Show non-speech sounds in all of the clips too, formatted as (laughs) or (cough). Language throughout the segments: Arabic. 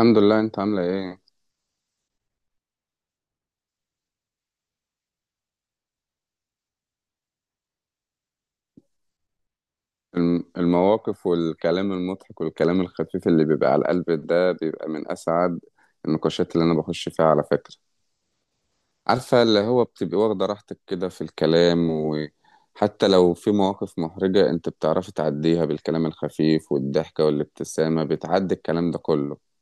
الحمد لله، انت عاملة ايه؟ المواقف والكلام المضحك والكلام الخفيف اللي بيبقى على القلب ده بيبقى من اسعد النقاشات اللي انا بخش فيها على فكرة. عارفة اللي هو بتبقي واخدة راحتك كده في الكلام، وحتى لو في مواقف محرجة انت بتعرفي تعديها بالكلام الخفيف والضحكة والابتسامة، بتعدي الكلام ده كله.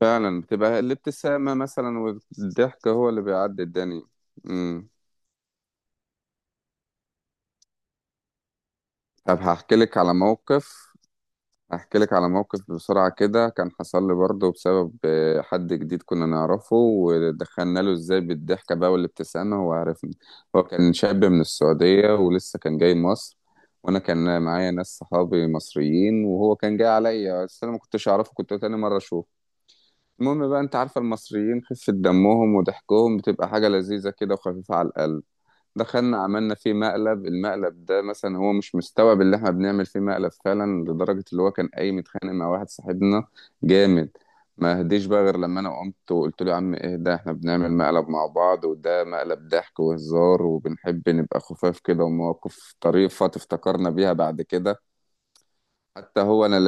فعلا بتبقى الابتسامة مثلا والضحكة هو اللي بيعدي الدنيا. امم طب هحكي لك على موقف احكي لك على موقف بسرعة كده، كان حصل لي برضه بسبب حد جديد كنا نعرفه، ودخلنا له ازاي بالضحكة بقى والابتسامة. هو عرفني. هو كان شاب من السعودية ولسه كان جاي مصر. وانا كان معايا ناس صحابي مصريين، وهو كان جاي عليا بس انا ما كنتش اعرفه، كنت تاني مرة اشوفه. المهم بقى، انت عارفة المصريين خفة دمهم وضحكهم بتبقى حاجة لذيذة كده وخفيفة على القلب. دخلنا عملنا فيه مقلب، المقلب ده مثلا هو مش مستوعب اللي احنا بنعمل فيه مقلب فعلا، لدرجة اللي هو كان قايم متخانق مع واحد صاحبنا جامد. ما هديش بقى غير لما انا قمت وقلت له يا عم ايه ده، احنا بنعمل مقلب مع بعض، وده مقلب ضحك وهزار وبنحب نبقى خفاف كده ومواقف طريفة تفتكرنا بيها بعد كده. حتى هو انا.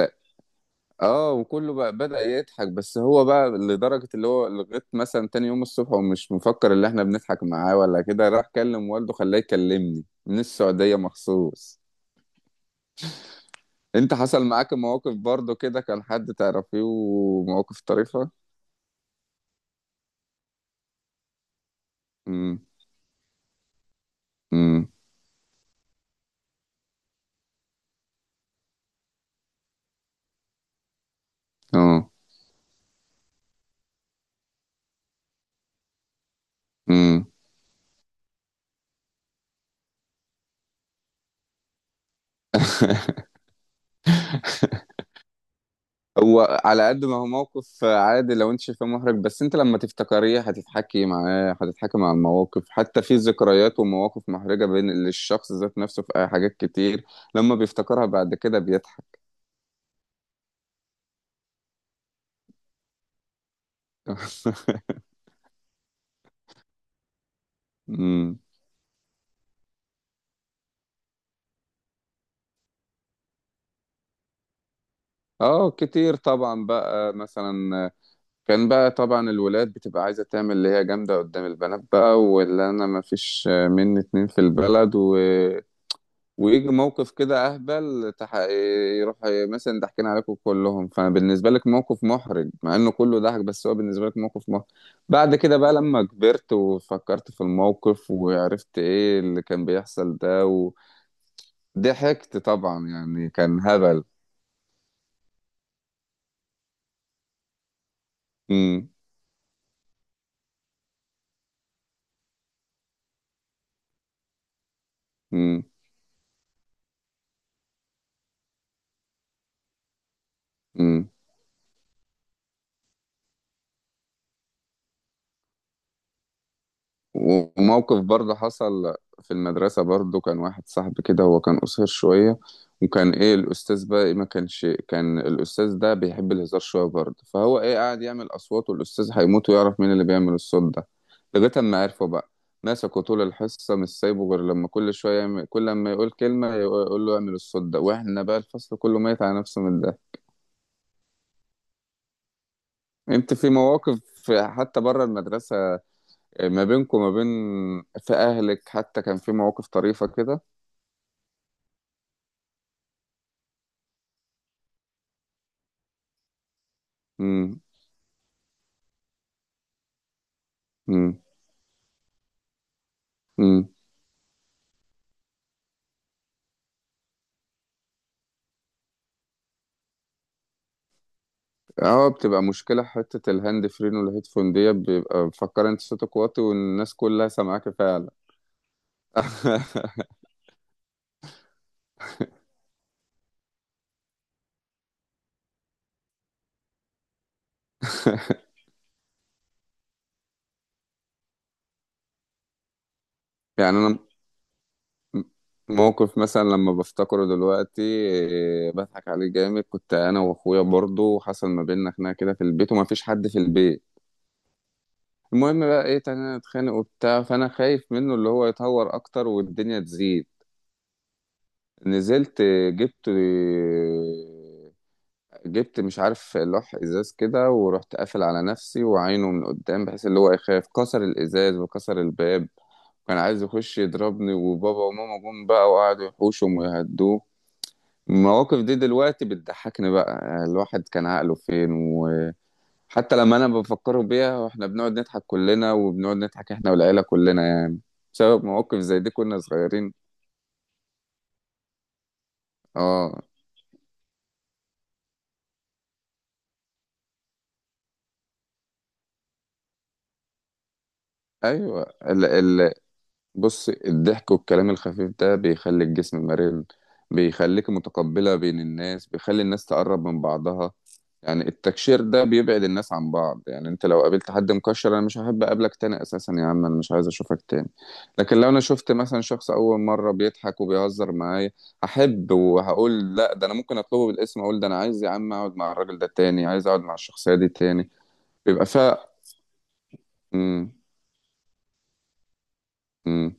اه، وكله بقى بدأ يضحك، بس هو بقى لدرجة اللي هو لغاية مثلا تاني يوم الصبح ومش مفكر اللي احنا بنضحك معاه، ولا كده راح كلم والده خلاه يكلمني من السعودية مخصوص. انت حصل معاك مواقف برضو كده كان حد تعرفيه ومواقف طريفة؟ امم. امم. اه. هو على قد ما هو موقف عادي، لو انت شايفاه محرج، بس انت لما تفتكريه هتتحكي معاه، هتتحكي مع المواقف، حتى في ذكريات ومواقف محرجة بين للشخص ذات نفسه في حاجات كتير. لما بيفتكرها بعد كده بيضحك. (laughs) امم اه، كتير طبعا بقى. مثلا كان بقى طبعا الولاد بتبقى عايزة تعمل اللي هي جامدة قدام البنات بقى، واللي انا ما فيش مني اتنين في البلد. ويجي موقف كده اهبل، يروح. مثلا ضحكين عليكم كلهم، فبالنسبه لك موقف محرج مع انه كله ضحك، بس هو بالنسبه لك موقف محرج. بعد كده بقى لما كبرت وفكرت في الموقف وعرفت ايه اللي كان بيحصل ده، وضحكت طبعا يعني كان هبل. امم. امم. وموقف برضه حصل في المدرسة برضه، كان واحد صاحبي كده هو كان قصير شوية. وكان ايه الأستاذ بقى إيه، ما كانش، كان الأستاذ ده بيحب الهزار شوية برضه، فهو ايه قاعد يعمل أصوات، والأستاذ هيموت ويعرف مين اللي بيعمل الصوت ده. لغاية أما عرفه بقى ماسكه طول الحصة مش سايبه، غير لما كل شوية يعمل، كل لما يقول كلمة يقول له اعمل الصوت ده، واحنا بقى الفصل كله ميت على نفسه من ده. انت في مواقف حتى بره المدرسة، ما بينكم ما بين في أهلك، حتى كان في مواقف طريفة كده؟ امم. امم. امم. اه، بتبقى مشكلة حتة الهاند فرين والهيدفون دي، بيبقى مفكر انت صوتك واطي والناس كلها سامعاك فعلا. يعني انا موقف مثلا لما بفتكره دلوقتي إيه، بضحك عليه جامد. كنت انا واخويا برضو وحصل ما بيننا خناقة كده في البيت، وما فيش حد في البيت. المهم بقى ايه تاني نتخانق وبتاع، فانا خايف منه اللي هو يتهور اكتر والدنيا تزيد. نزلت جبت آه، جبت مش عارف لوح ازاز كده، ورحت قافل على نفسي وعينه من قدام بحيث اللي هو يخاف كسر الازاز وكسر الباب. كان عايز يخش يضربني، وبابا وماما جم بقى وقعدوا يحوشهم ويهدوه. المواقف دي دلوقتي بتضحكني بقى، الواحد كان عقله فين. وحتى لما انا بفكره بيها، واحنا بنقعد نضحك كلنا، وبنقعد نضحك احنا والعيلة كلنا يعني، بسبب مواقف زي دي كنا صغيرين. اه. ايوه. بص، الضحك والكلام الخفيف ده بيخلي الجسم مرن، بيخليك متقبلة بين الناس، بيخلي الناس تقرب من بعضها. يعني التكشير ده بيبعد الناس عن بعض، يعني انت لو قابلت حد مكشر انا مش هحب اقابلك تاني اساسا، يا عم انا مش عايز اشوفك تاني. لكن لو انا شفت مثلا شخص اول مرة بيضحك وبيهزر معايا، هحب وهقول لا، ده انا ممكن اطلبه بالاسم، اقول ده انا عايز يا عم اقعد مع الراجل ده تاني، عايز اقعد مع الشخصية دي تاني، بيبقى فيها. امم. امم.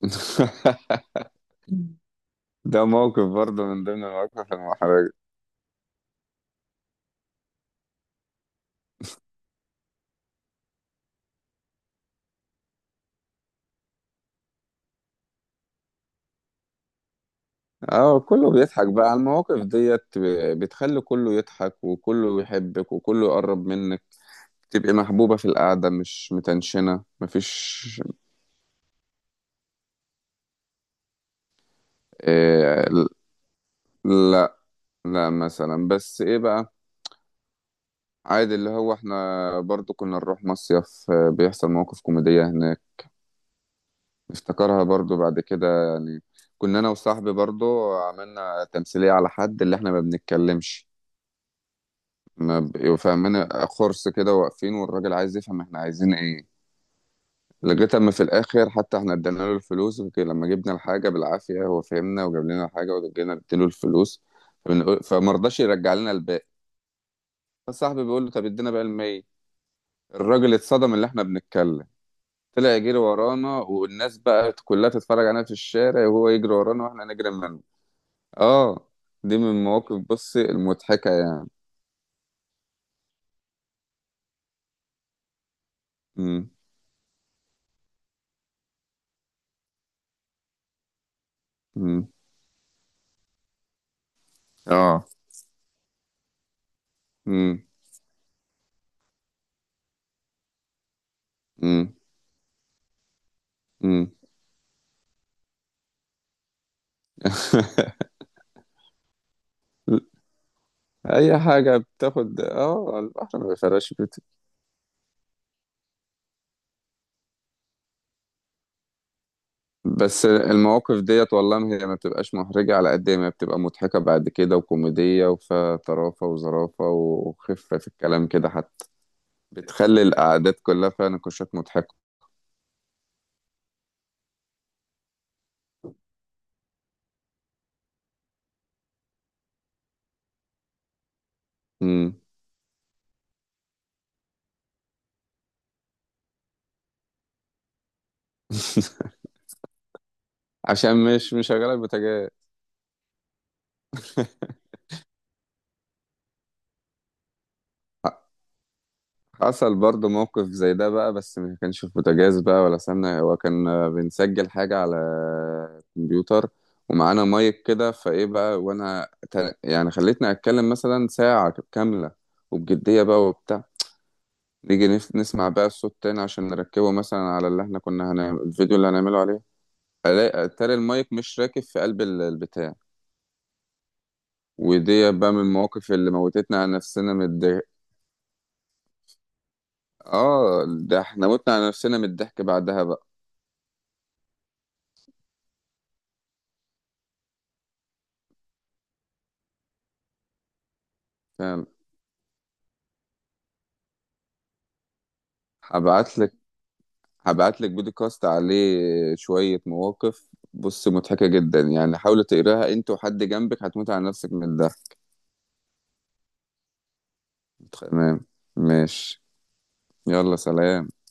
(laughs) امم. ده موقف برضه من ضمن المواقف المحرجة. اه، كله بيضحك بقى على المواقف ديت، بتخلي كله يضحك وكله يحبك وكله يقرب منك. تبقي محبوبة في القعدة، مش متنشنة، مفيش. إيه؟ لا، لا مثلا، بس ايه بقى؟ عادي، اللي هو احنا برضو كنا نروح مصيف، بيحصل مواقف كوميدية هناك نفتكرها برضو بعد كده يعني. كنا انا وصاحبي برضو عملنا تمثيلية على حد اللي احنا ما بنتكلمش، ما بقوا فاهمين، خرص كده واقفين والراجل عايز يفهم احنا عايزين ايه. لغايه اما في الاخر حتى احنا ادينا له الفلوس، لما جبنا الحاجه بالعافيه هو فهمنا وجاب لنا الحاجه، ورجعنا اديله الفلوس. فما رضاش يرجع لنا الباقي. فصاحبي بيقول له طب ادينا بقى المية. الراجل اتصدم اللي احنا بنتكلم. طلع يجري ورانا، والناس بقى كلها تتفرج علينا في الشارع، وهو يجري ورانا واحنا نجري منه. اه، دي من المواقف بصي المضحكه يعني. امم. امم. اه. امم. امم. (laughs) اي حاجه بتاخد، اه، البحر ما بيفرقش بس المواقف ديت والله ما هي ما بتبقاش محرجه على قد ما بتبقى مضحكه بعد كده وكوميديه، وفيها طرافه وظرافه وخفه في الكلام كده حتى. بتخلي القعدات كلها فيها نقاشات مضحكه. امم. (laughs) عشان مش مشغله البوتاجاز. حصل برضه موقف زي ده بقى، بس ما كانش في بوتاجاز بقى ولا سمنة، هو كان بنسجل حاجة على الكمبيوتر ومعانا مايك كده، فايه بقى وانا يعني خليتني اتكلم مثلا ساعة كاملة وبجدية بقى وبتاع. نيجي نسمع بقى الصوت تاني عشان نركبه مثلا على اللي احنا كنا هنعمل الفيديو اللي هنعمله عليه. اتاري المايك مش راكب في قلب البتاع. ودي بقى من المواقف اللي موتتنا على نفسنا من الضحك. اه، ده احنا متنا على نفسنا من الضحك بعدها بقى. فعلا. هبعت لك هبعت لك بودكاست عليه شوية مواقف. بص مضحكة جدا يعني، حاول تقراها انت وحد جنبك هتموت على نفسك من الضحك. تمام. ماشي. يلا، سلام.